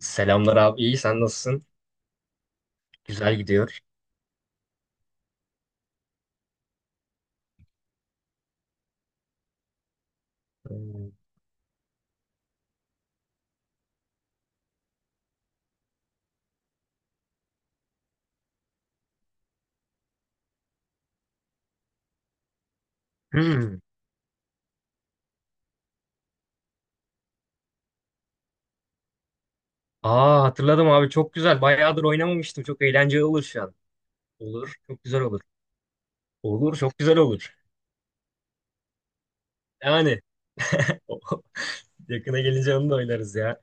Selamlar abi. İyi sen nasılsın? Güzel gidiyor. Hmm. Aa, hatırladım abi, çok güzel. Bayağıdır oynamamıştım. Çok eğlenceli olur şu an. Olur. Çok güzel olur. Olur. Çok güzel olur. Yani yakına gelince onu da oynarız ya.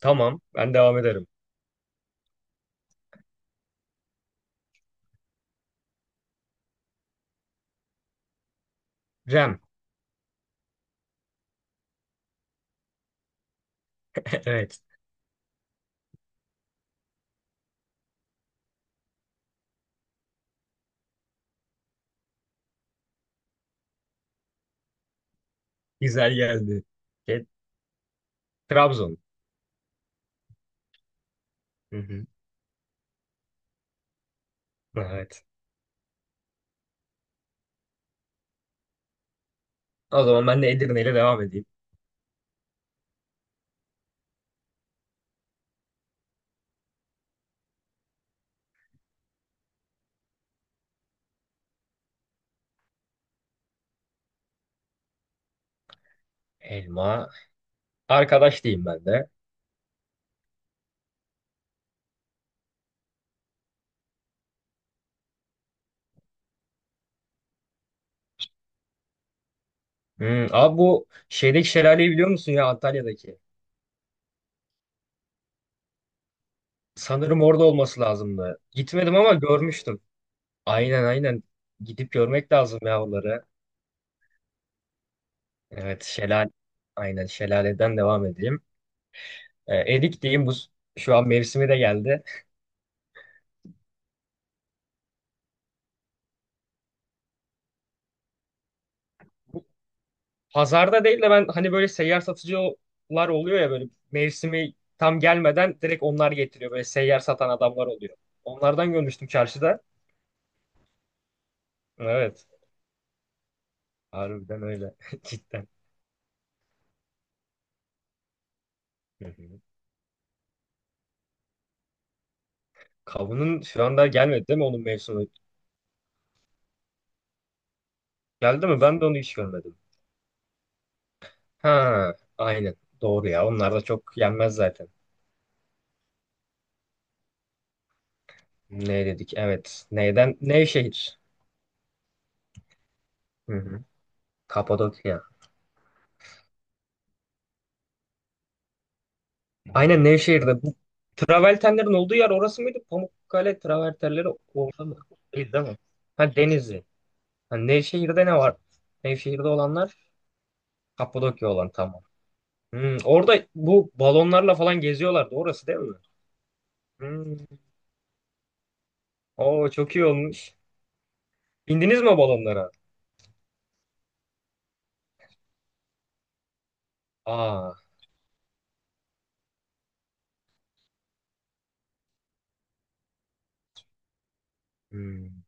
Tamam. Ben devam ederim. Rem. Evet. Güzel geldi. E, Trabzon. Hı hı. Evet. O zaman ben de Edirne ile devam edeyim. Elma. Arkadaş diyeyim ben de. Hmm. Abi, bu şeydeki şelaleyi biliyor musun ya, Antalya'daki? Sanırım orada olması lazımdı. Gitmedim ama görmüştüm. Aynen aynen. Gidip görmek lazım yavruları. Evet, şelale. Aynen şelaleden devam edeyim. Erik diyeyim, bu şu an mevsimi de geldi. Pazarda değil de ben hani böyle seyyar satıcılar oluyor ya, böyle mevsimi tam gelmeden direkt onlar getiriyor. Böyle seyyar satan adamlar oluyor. Onlardan görmüştüm çarşıda. Evet. Harbiden öyle. Cidden. Hı hı. Kavunun şu anda gelmedi değil mi onun mevsimi? Geldi mi? Ben de onu hiç görmedim. Ha, aynen. Doğru ya. Onlar da çok yenmez zaten. Ne dedik? Evet. Neyden? Nevşehir. Hı hı. Kapadokya. Aynen Nevşehir'de. Bu travertenlerin olduğu yer orası mıydı? Pamukkale travertenleri orada mı? Değil değil mi? Ha, Denizli. Ha, Nevşehir'de ne var? Nevşehir'de olanlar Kapadokya olan tamam. Hmm, orada bu balonlarla falan geziyorlardı. Orası değil mi? Hmm. Oo, çok iyi olmuş. Bindiniz mi balonlara? Aa. Hmm.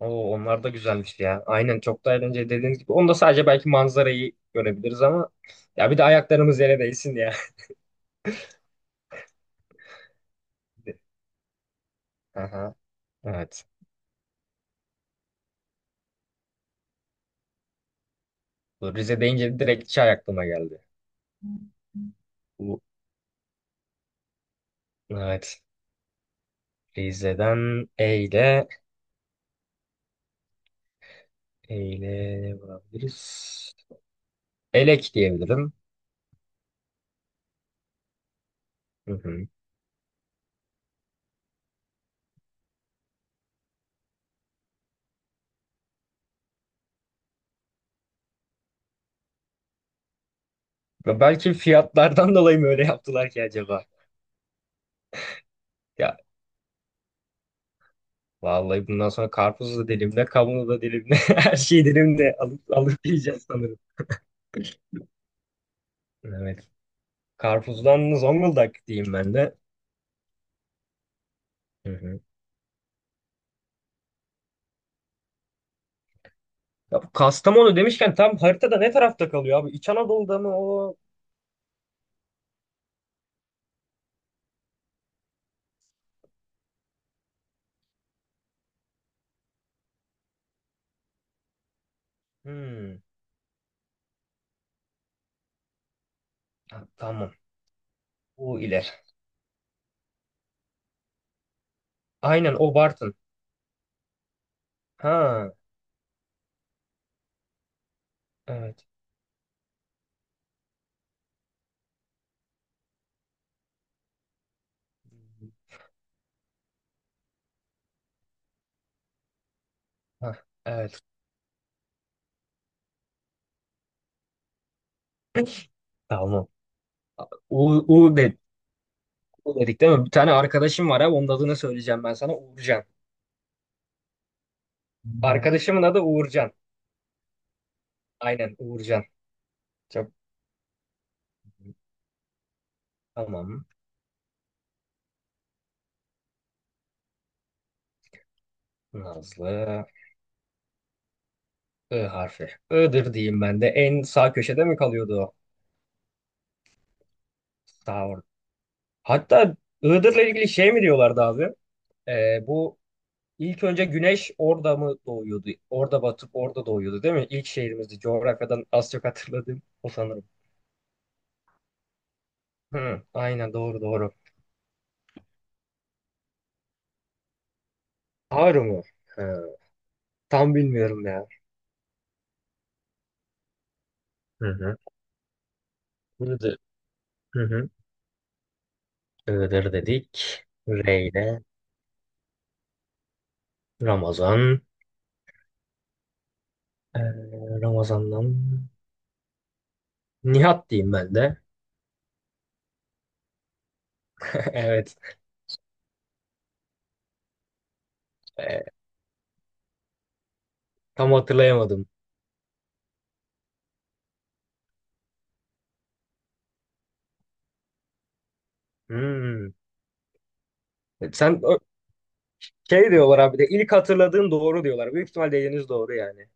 Oo, onlar da güzelmiş ya. Aynen, çok da eğlenceli dediğiniz gibi. Onda sadece belki manzarayı görebiliriz ama ya bir de ayaklarımız yere değsin ya. Aha, evet. Bu Rize deyince direkt çay aklıma geldi. Bu, evet. Rize'den Eyle, Eyle ne bulabiliriz? Elek diyebilirim. Hı hı. Ve belki fiyatlardan dolayı mı öyle yaptılar ki acaba? Ya vallahi bundan sonra karpuzu da dilimle, kavunu da dilimle, her şeyi dilimle alıp yiyeceğiz sanırım. Evet. Karpuz'dan Zonguldak diyeyim ben de. Hı hı. Ya bu Kastamonu demişken tam haritada ne tarafta kalıyor abi? İç Anadolu'da mı o? Hmm. Ha, tamam. O iler. Aynen o Bartın. Ha, evet. Ha, evet. Tamam. U, U, de, U dedik değil mi? Bir tane arkadaşım var abi. Onun adını söyleyeceğim ben sana. Uğurcan. Arkadaşımın adı Uğurcan. Aynen Uğurcan. Çok tamam. Nazlı. I harfi. I'dır diyeyim ben de. En sağ köşede mi kalıyordu o? Sağ hatta Iğdır'la ilgili şey mi diyorlardı abi? Bu ilk önce güneş orada mı doğuyordu? Orada batıp orada doğuyordu değil mi? İlk şehrimizdi. Coğrafyadan az çok hatırladığım o sanırım. Hı, aynen doğru doğru. Ağrı mı? Hı, tam bilmiyorum ya. Hı hı. Iğdır. Hı hı. Iğdır dedik. Reyne. Ramazan. Ramazan'dan Nihat diyeyim ben de. Evet. Ee, tam hatırlayamadım. Hmm. Sen şey diyorlar abi de, ilk hatırladığın doğru diyorlar. Büyük ihtimal dediğiniz doğru yani.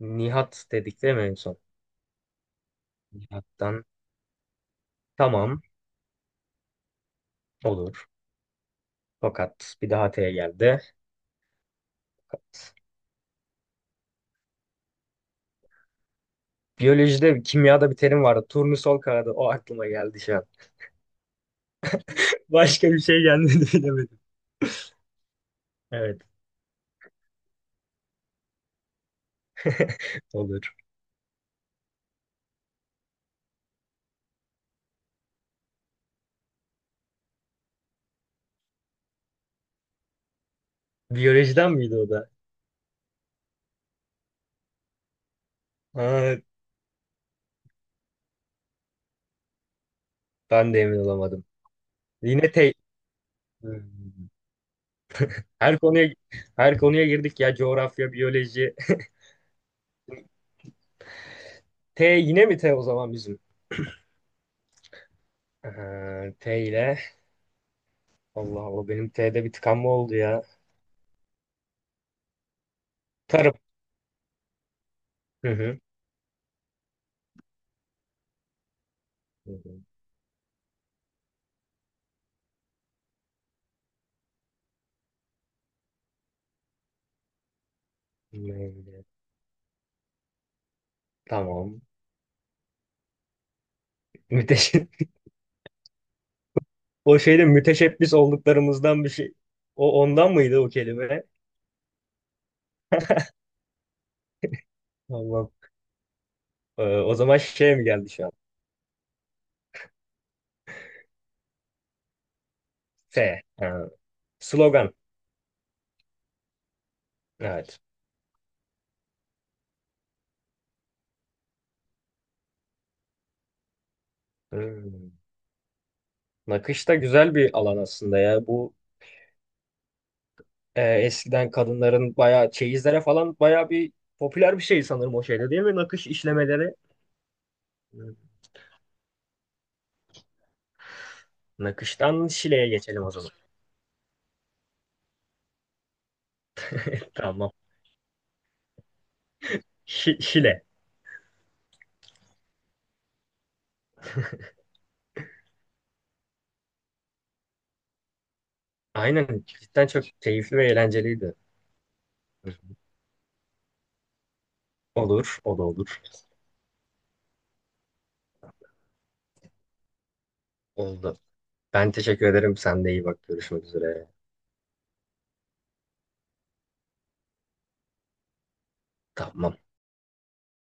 Nihat dedik değil mi en son? Nihat'tan. Tamam olur. Fakat bir daha T'ye geldi. Biyolojide, kimyada bir terim vardı. Turnusol kağıdı. O aklıma geldi şu an. Başka bir şey gelmedi, bilemedim. Evet olur. Biyolojiden miydi o da? Ha, ben de emin olamadım. Yine T. Hmm. Her konuya her konuya girdik ya. Coğrafya, biyoloji. T yine mi T o zaman bizim? T ile. Allah Allah, benim T'de bir tıkanma oldu ya. Tarım. Hı hı. Hı hı. Meyve. Tamam. Müteş o şeyde müteşebbis olduklarımızdan bir şey. O ondan mıydı o kelime? Tamam. O zaman şey mi geldi şu an? S. Ha. Slogan. Evet. Hmm. Nakış da güzel bir alan aslında ya. Bu eskiden kadınların bayağı çeyizlere falan bayağı bir popüler bir şey sanırım o şeyde değil mi? Nakış işlemeleri. Hmm. Nakıştan Şile'ye geçelim o zaman. Tamam. Şi- Şile. Aynen cidden çok keyifli ve eğlenceliydi. Olur, o da olur. Oldu. Ben teşekkür ederim. Sen de iyi bak. Görüşmek üzere. Tamam.